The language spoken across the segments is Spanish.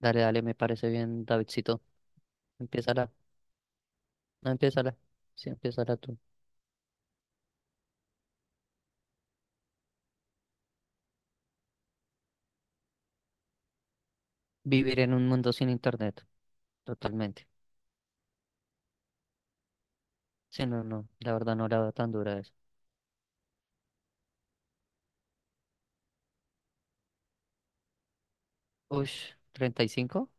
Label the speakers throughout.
Speaker 1: Dale, dale, me parece bien, Davidcito. Empiézala, no, empiézala. Sí, empiézala tú. Vivir en un mundo sin internet, totalmente. Sí, no, no, la verdad no la veo tan dura eso. Ush, ¿35?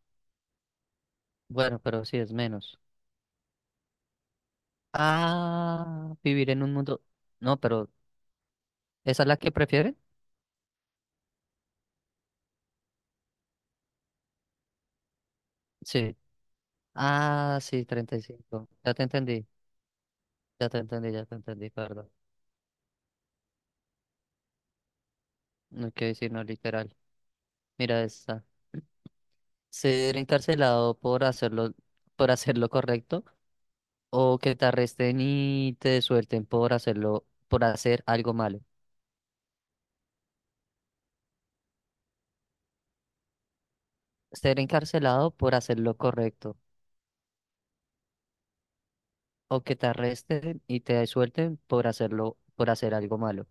Speaker 1: Bueno, pero sí es menos. Ah, vivir en un mundo... No, pero ¿esa es la que prefieren? Sí. Ah, sí, 35. Ya te entendí, ya te entendí, ya te entendí, perdón. No quiero decir no literal. Mira esta. Ser encarcelado por hacer lo correcto, o que te arresten y te suelten por hacer algo malo. Ser encarcelado por hacer lo correcto, o que te arresten y te suelten por hacer algo malo.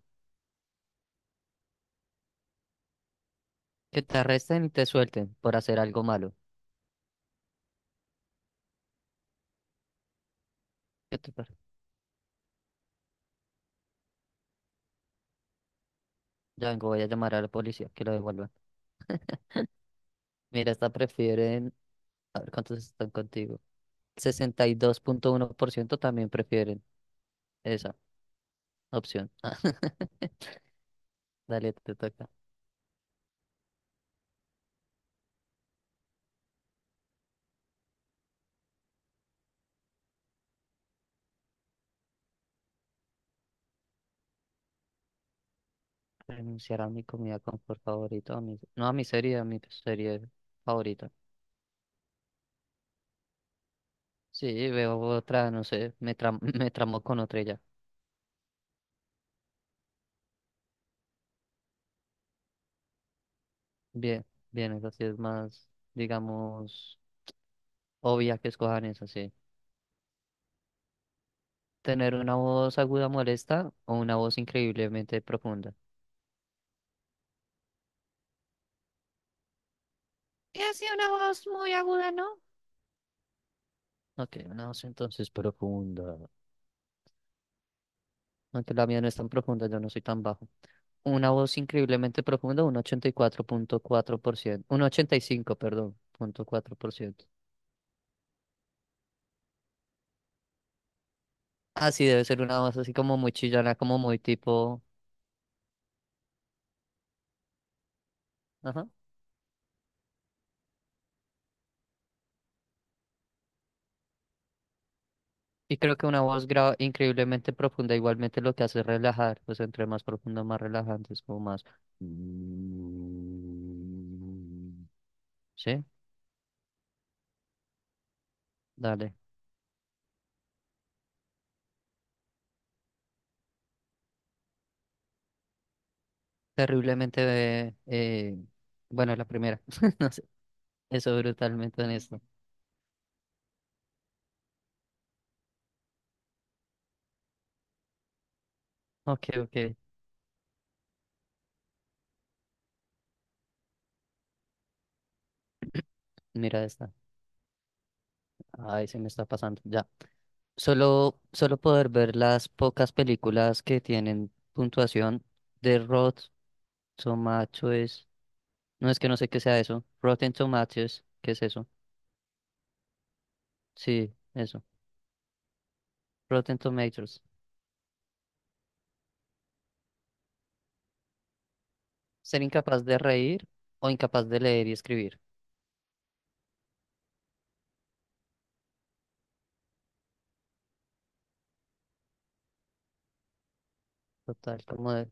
Speaker 1: Que te arresten y te suelten por hacer algo malo. ¿Qué te parece? Ya vengo, voy a llamar a la policía, que lo devuelvan. Mira, esta prefieren, a ver cuántos están contigo. 62,1% también prefieren esa opción. Dale, te toca. Renunciar a mi comida confort favorita, no a mi serie favorita. Sí, veo otra, no sé, me tramó con otra y ya. Bien, bien, es sí es más, digamos, obvia que escojan eso, sí. Tener una voz aguda molesta o una voz increíblemente profunda. Y así una voz muy aguda, ¿no? Ok, una voz entonces profunda. Aunque la mía no es tan profunda, yo no soy tan bajo. Una voz increíblemente profunda, un 84 4,4%, un 85, perdón, punto cuatro por ciento. Ah, sí, debe ser una voz así como muy chillona, como muy tipo... Ajá. Y creo que una voz increíblemente profunda igualmente lo que hace es relajar, pues entre más profundo, más relajante, es como más... Sí, dale. Terriblemente... bueno, la primera, no sé, eso brutalmente honesto. Ok, ok, mira esta. Ay, se me está pasando, ya. Solo poder ver las pocas películas que tienen puntuación de Rotten Tomatoes. No es que no sé qué sea eso. Rotten Tomatoes, ¿qué es eso? Sí, eso. Rotten Tomatoes. Ser incapaz de reír o incapaz de leer y escribir. Total, como de-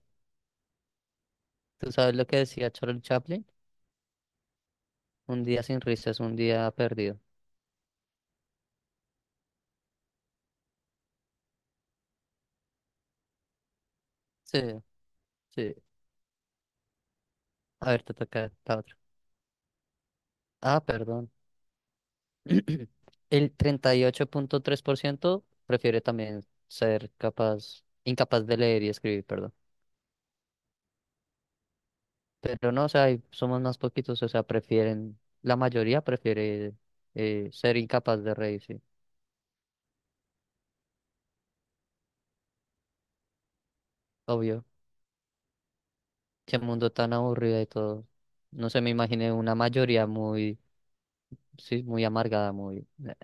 Speaker 1: ¿Tú sabes lo que decía Charles Chaplin? Un día sin risas, un día perdido. Sí, sí. A ver, te toca la otra. Ah, perdón. El 38,3% prefiere también incapaz de leer y escribir, perdón. Pero no, o sea, hay- somos más poquitos, o sea, la mayoría prefiere ser incapaz de reírse, obvio. Qué mundo tan aburrido y todo. No sé, me imaginé una mayoría muy, sí, muy amargada, muy...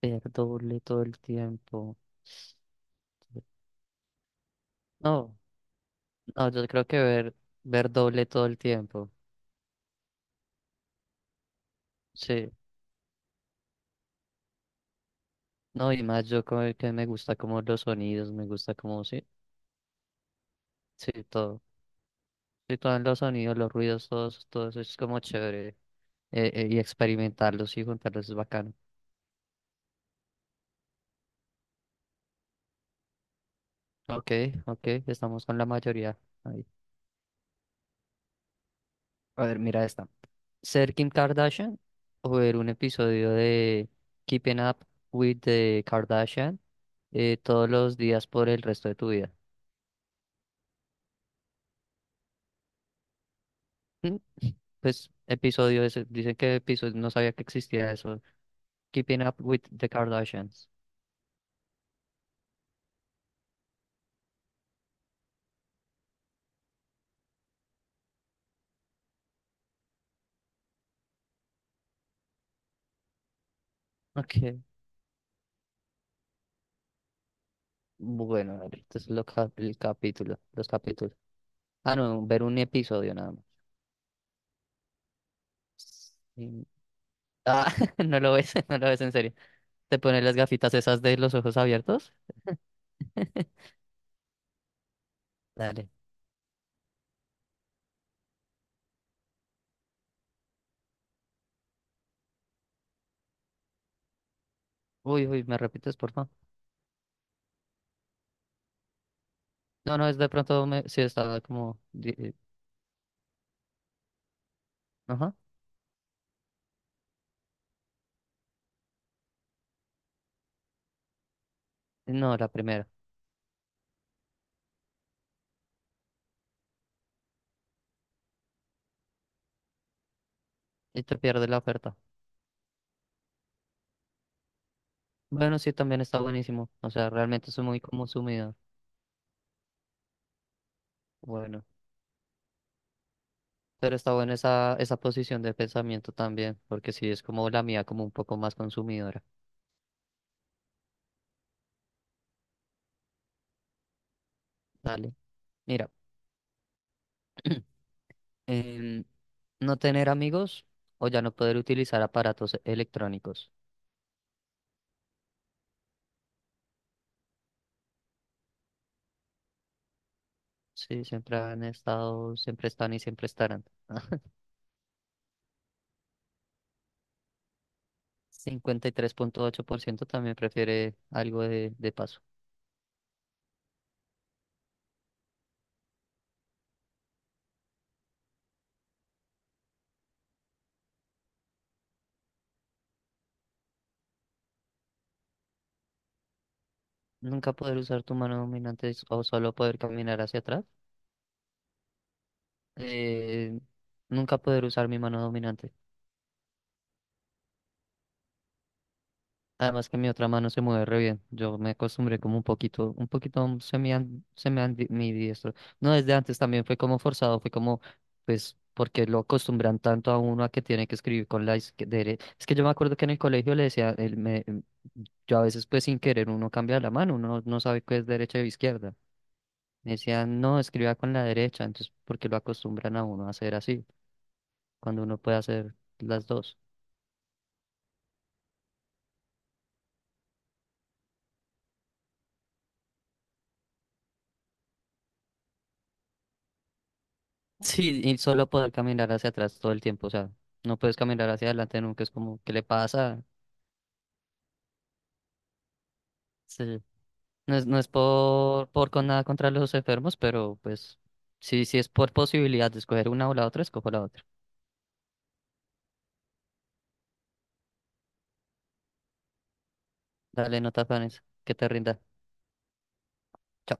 Speaker 1: ver doble todo el tiempo. No, no, yo creo que ver doble todo el tiempo. Sí. No, y más yo como que me gusta como los sonidos, me gusta como, sí, sí, todo. Sí, todos los sonidos, los ruidos, todos, todo eso es como chévere. Y experimentarlos y juntarlos es bacano. Ok, ok, estamos con la mayoría. Ahí. A ver, mira esta. ¿Ser Kim Kardashian o ver un episodio de Keeping Up with the Kardashian, todos los días por el resto de tu vida? Mm, pues episodio ese, dicen que episodio, no sabía que existía eso. Keeping Up with the Kardashians. Ok, bueno, a ver, estos son los el capítulo, los capítulos. Ah, no, ver un episodio nada más. Sí. Ah, no lo ves, no lo ves en serio. ¿Te pones las gafitas esas de los ojos abiertos? Dale. Uy, uy, ¿me repites, por favor? No, no, es de pronto, me... sí, estaba como... ajá. No, la primera. Y te pierdes la oferta. Bueno, sí, también está buenísimo. O sea, realmente soy muy como sumido. Bueno, pero está buena esa posición de pensamiento también, porque sí, es como la mía, como un poco más consumidora. Dale. Mira, em, no tener amigos o ya no poder utilizar aparatos electrónicos. Sí, siempre han estado, siempre están y siempre estarán. 53,8% también prefiere algo de paso. Nunca poder usar tu mano dominante o solo poder caminar hacia atrás. Eh, nunca poder usar mi mano dominante. Además que mi otra mano se mueve re bien. Yo me acostumbré como un poquito se me han mi diestro. No, desde antes también fue como forzado, fue como, pues, porque lo acostumbran tanto a uno a que tiene que escribir con la izquierda. Es que yo me acuerdo que en el colegio le decía, yo a veces pues sin querer uno cambia la mano, uno no sabe qué es derecha o izquierda. Me decían, no, escriba con la derecha, entonces, porque lo acostumbran a uno a hacer así, cuando uno puede hacer las dos. Sí, y solo poder caminar hacia atrás todo el tiempo, o sea, no puedes caminar hacia adelante nunca, es como, ¿qué le pasa? Sí. No es por con nada contra los enfermos, pero pues sí, sí es por posibilidad de escoger una o la otra, escojo la otra. Dale, no te afanes, que te rinda. Chao.